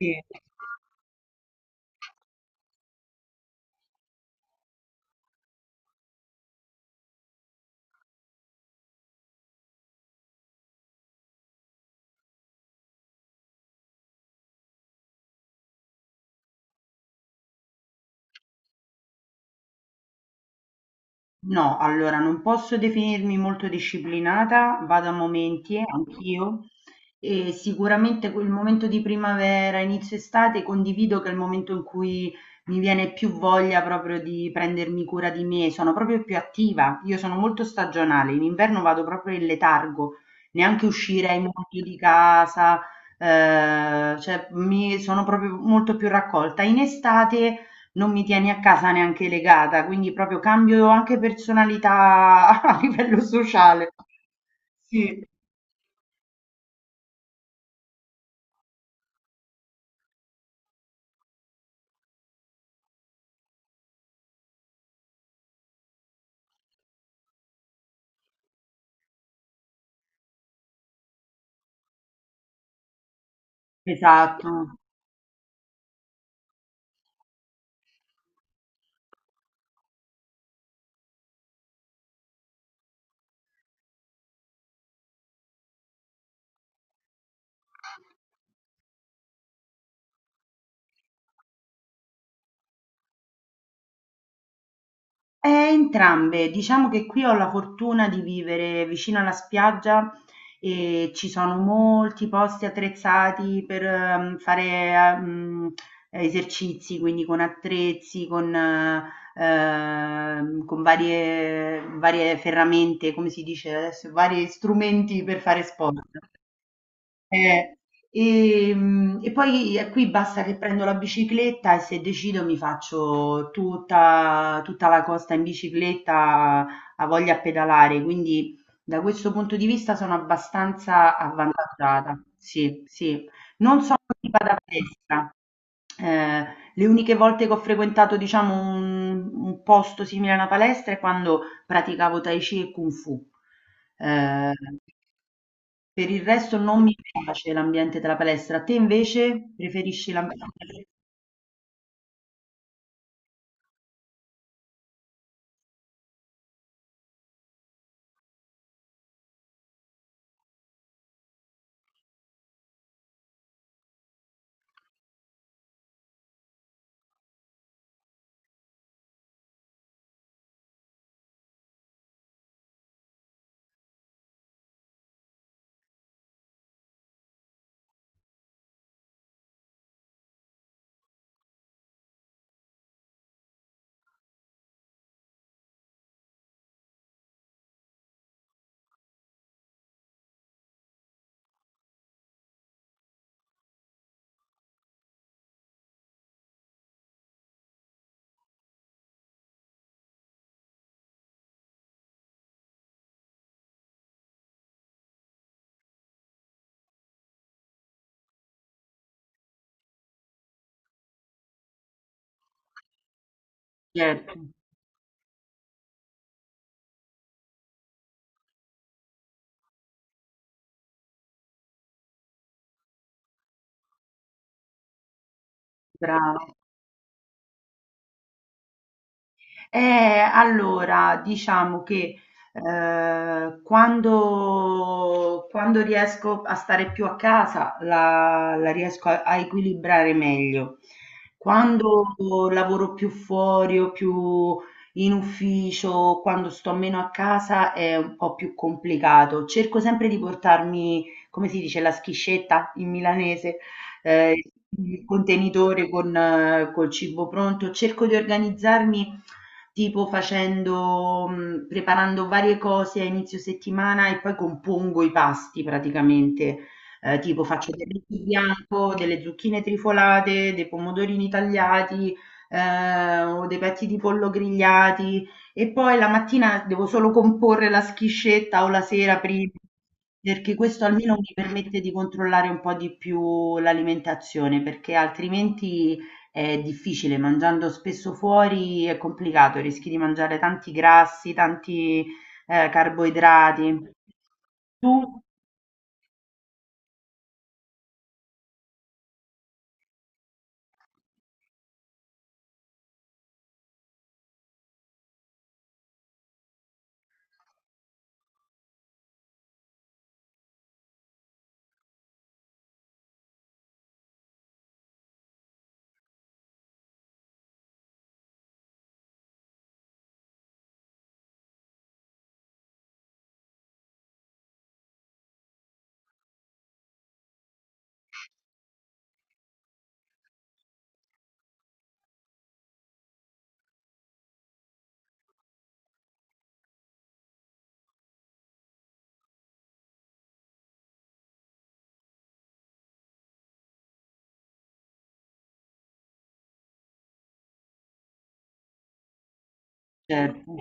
Sì. No, allora non posso definirmi molto disciplinata, vado a momenti, anch'io, e sicuramente quel momento di primavera, inizio estate, condivido che è il momento in cui mi viene più voglia proprio di prendermi cura di me, sono proprio più attiva, io sono molto stagionale, in inverno vado proprio in letargo, neanche uscirei molto di casa, cioè mi sono proprio molto più raccolta. In estate, non mi tieni a casa neanche legata, quindi proprio cambio anche personalità a livello sociale. Sì, esatto. E entrambe, diciamo che qui ho la fortuna di vivere vicino alla spiaggia e ci sono molti posti attrezzati per fare ehm, esercizi, quindi con attrezzi, con varie ferramente, come si dice adesso, vari strumenti per fare sport. Eh, Poi qui basta che prendo la bicicletta e se decido mi faccio tutta la costa in bicicletta, a voglia a pedalare, quindi da questo punto di vista sono abbastanza avvantaggiata. Sì, sì. Non sono tipo da palestra. Eh, le uniche volte che ho frequentato, diciamo, un posto simile a una palestra è quando praticavo Tai Chi e Kung Fu. Eh, per il resto non mi piace l'ambiente della palestra, te invece preferisci l'ambiente? Certo, brava. Eh, allora, diciamo che quando riesco a stare più a casa la riesco a, a equilibrare meglio. Quando lavoro più fuori o più in ufficio, quando sto meno a casa è un po' più complicato. Cerco sempre di portarmi, come si dice, la schiscetta in milanese, ehm, il contenitore con col cibo pronto. Cerco di organizzarmi tipo facendo preparando varie cose a inizio settimana e poi compongo i pasti praticamente. Tipo faccio del riso bianco, delle zucchine trifolate, dei pomodorini tagliati, o dei petti di pollo grigliati. E poi la mattina devo solo comporre la schiscetta o la sera prima, perché questo almeno mi permette di controllare un po' di più l'alimentazione, perché altrimenti è difficile, mangiando spesso fuori è complicato, rischi di mangiare tanti grassi, tanti carboidrati. Tu? Certo.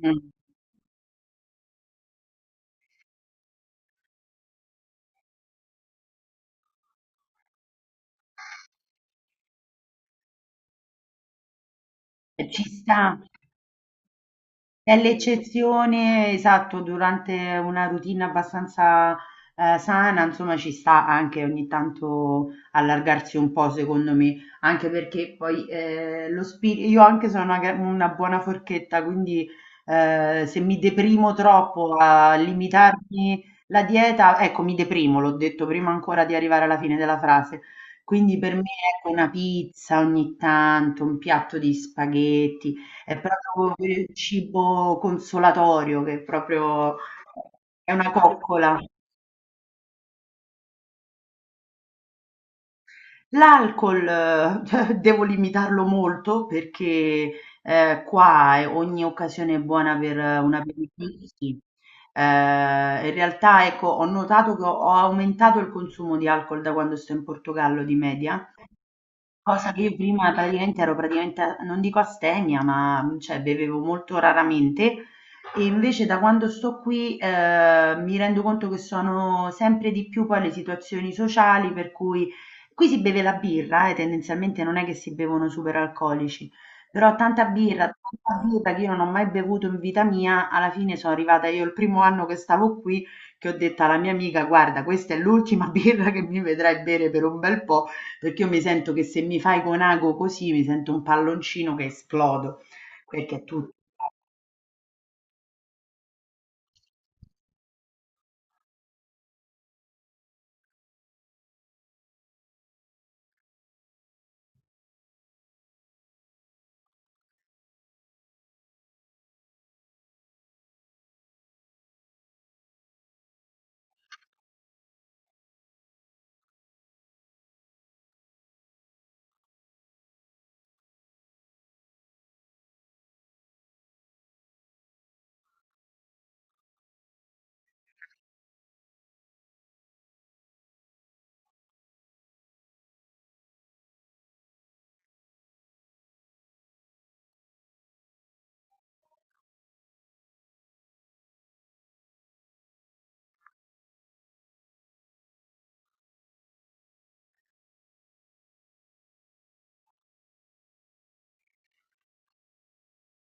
Mm. E ci sta. È l'eccezione, esatto, durante una routine abbastanza, sana, insomma ci sta anche ogni tanto allargarsi un po' secondo me, anche perché poi, lo spiri io anche sono una buona forchetta, quindi, se mi deprimo troppo a limitarmi la dieta ecco, mi deprimo, l'ho detto prima ancora di arrivare alla fine della frase. Quindi per me, ecco, una pizza ogni tanto, un piatto di spaghetti, è proprio per il cibo consolatorio che è proprio è una coccola. L'alcol devo limitarlo molto perché ogni occasione è buona per un aperitivo, sì. In realtà, ecco, ho notato che ho aumentato il consumo di alcol da quando sto in Portogallo di media. Cosa che io prima praticamente non dico astemia, ma cioè bevevo molto raramente, e invece da quando sto qui mi rendo conto che sono sempre di più poi le situazioni sociali, per cui qui si beve la birra e tendenzialmente non è che si bevono super alcolici, però tanta birra che io non ho mai bevuto in vita mia. Alla fine sono arrivata io il primo anno che stavo qui che ho detto alla mia amica: guarda, questa è l'ultima birra che mi vedrai bere per un bel po'. Perché io mi sento che se mi fai con ago così, mi sento un palloncino che esplodo, perché tu...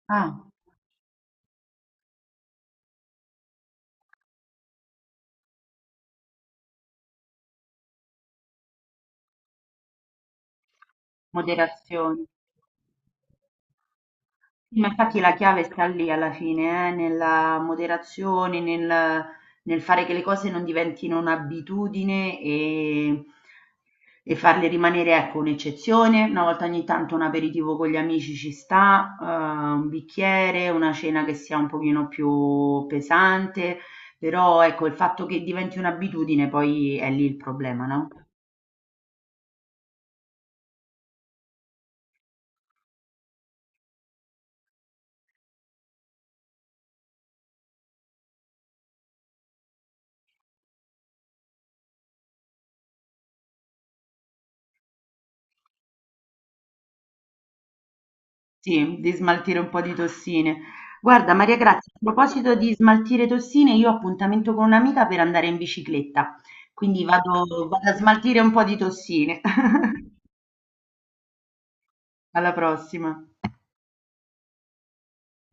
Ah, moderazione. Sì, ma infatti la chiave sta lì alla fine, nella moderazione, nel fare che le cose non diventino un'abitudine e farli rimanere, ecco, un'eccezione. Una volta ogni tanto un aperitivo con gli amici ci sta, un bicchiere, una cena che sia un pochino più pesante, però ecco, il fatto che diventi un'abitudine poi è lì il problema, no? Sì, di smaltire un po' di tossine. Guarda, Maria Grazia, a proposito di smaltire tossine, io ho appuntamento con un'amica per andare in bicicletta, quindi vado, vado a smaltire un po' di tossine. Alla prossima.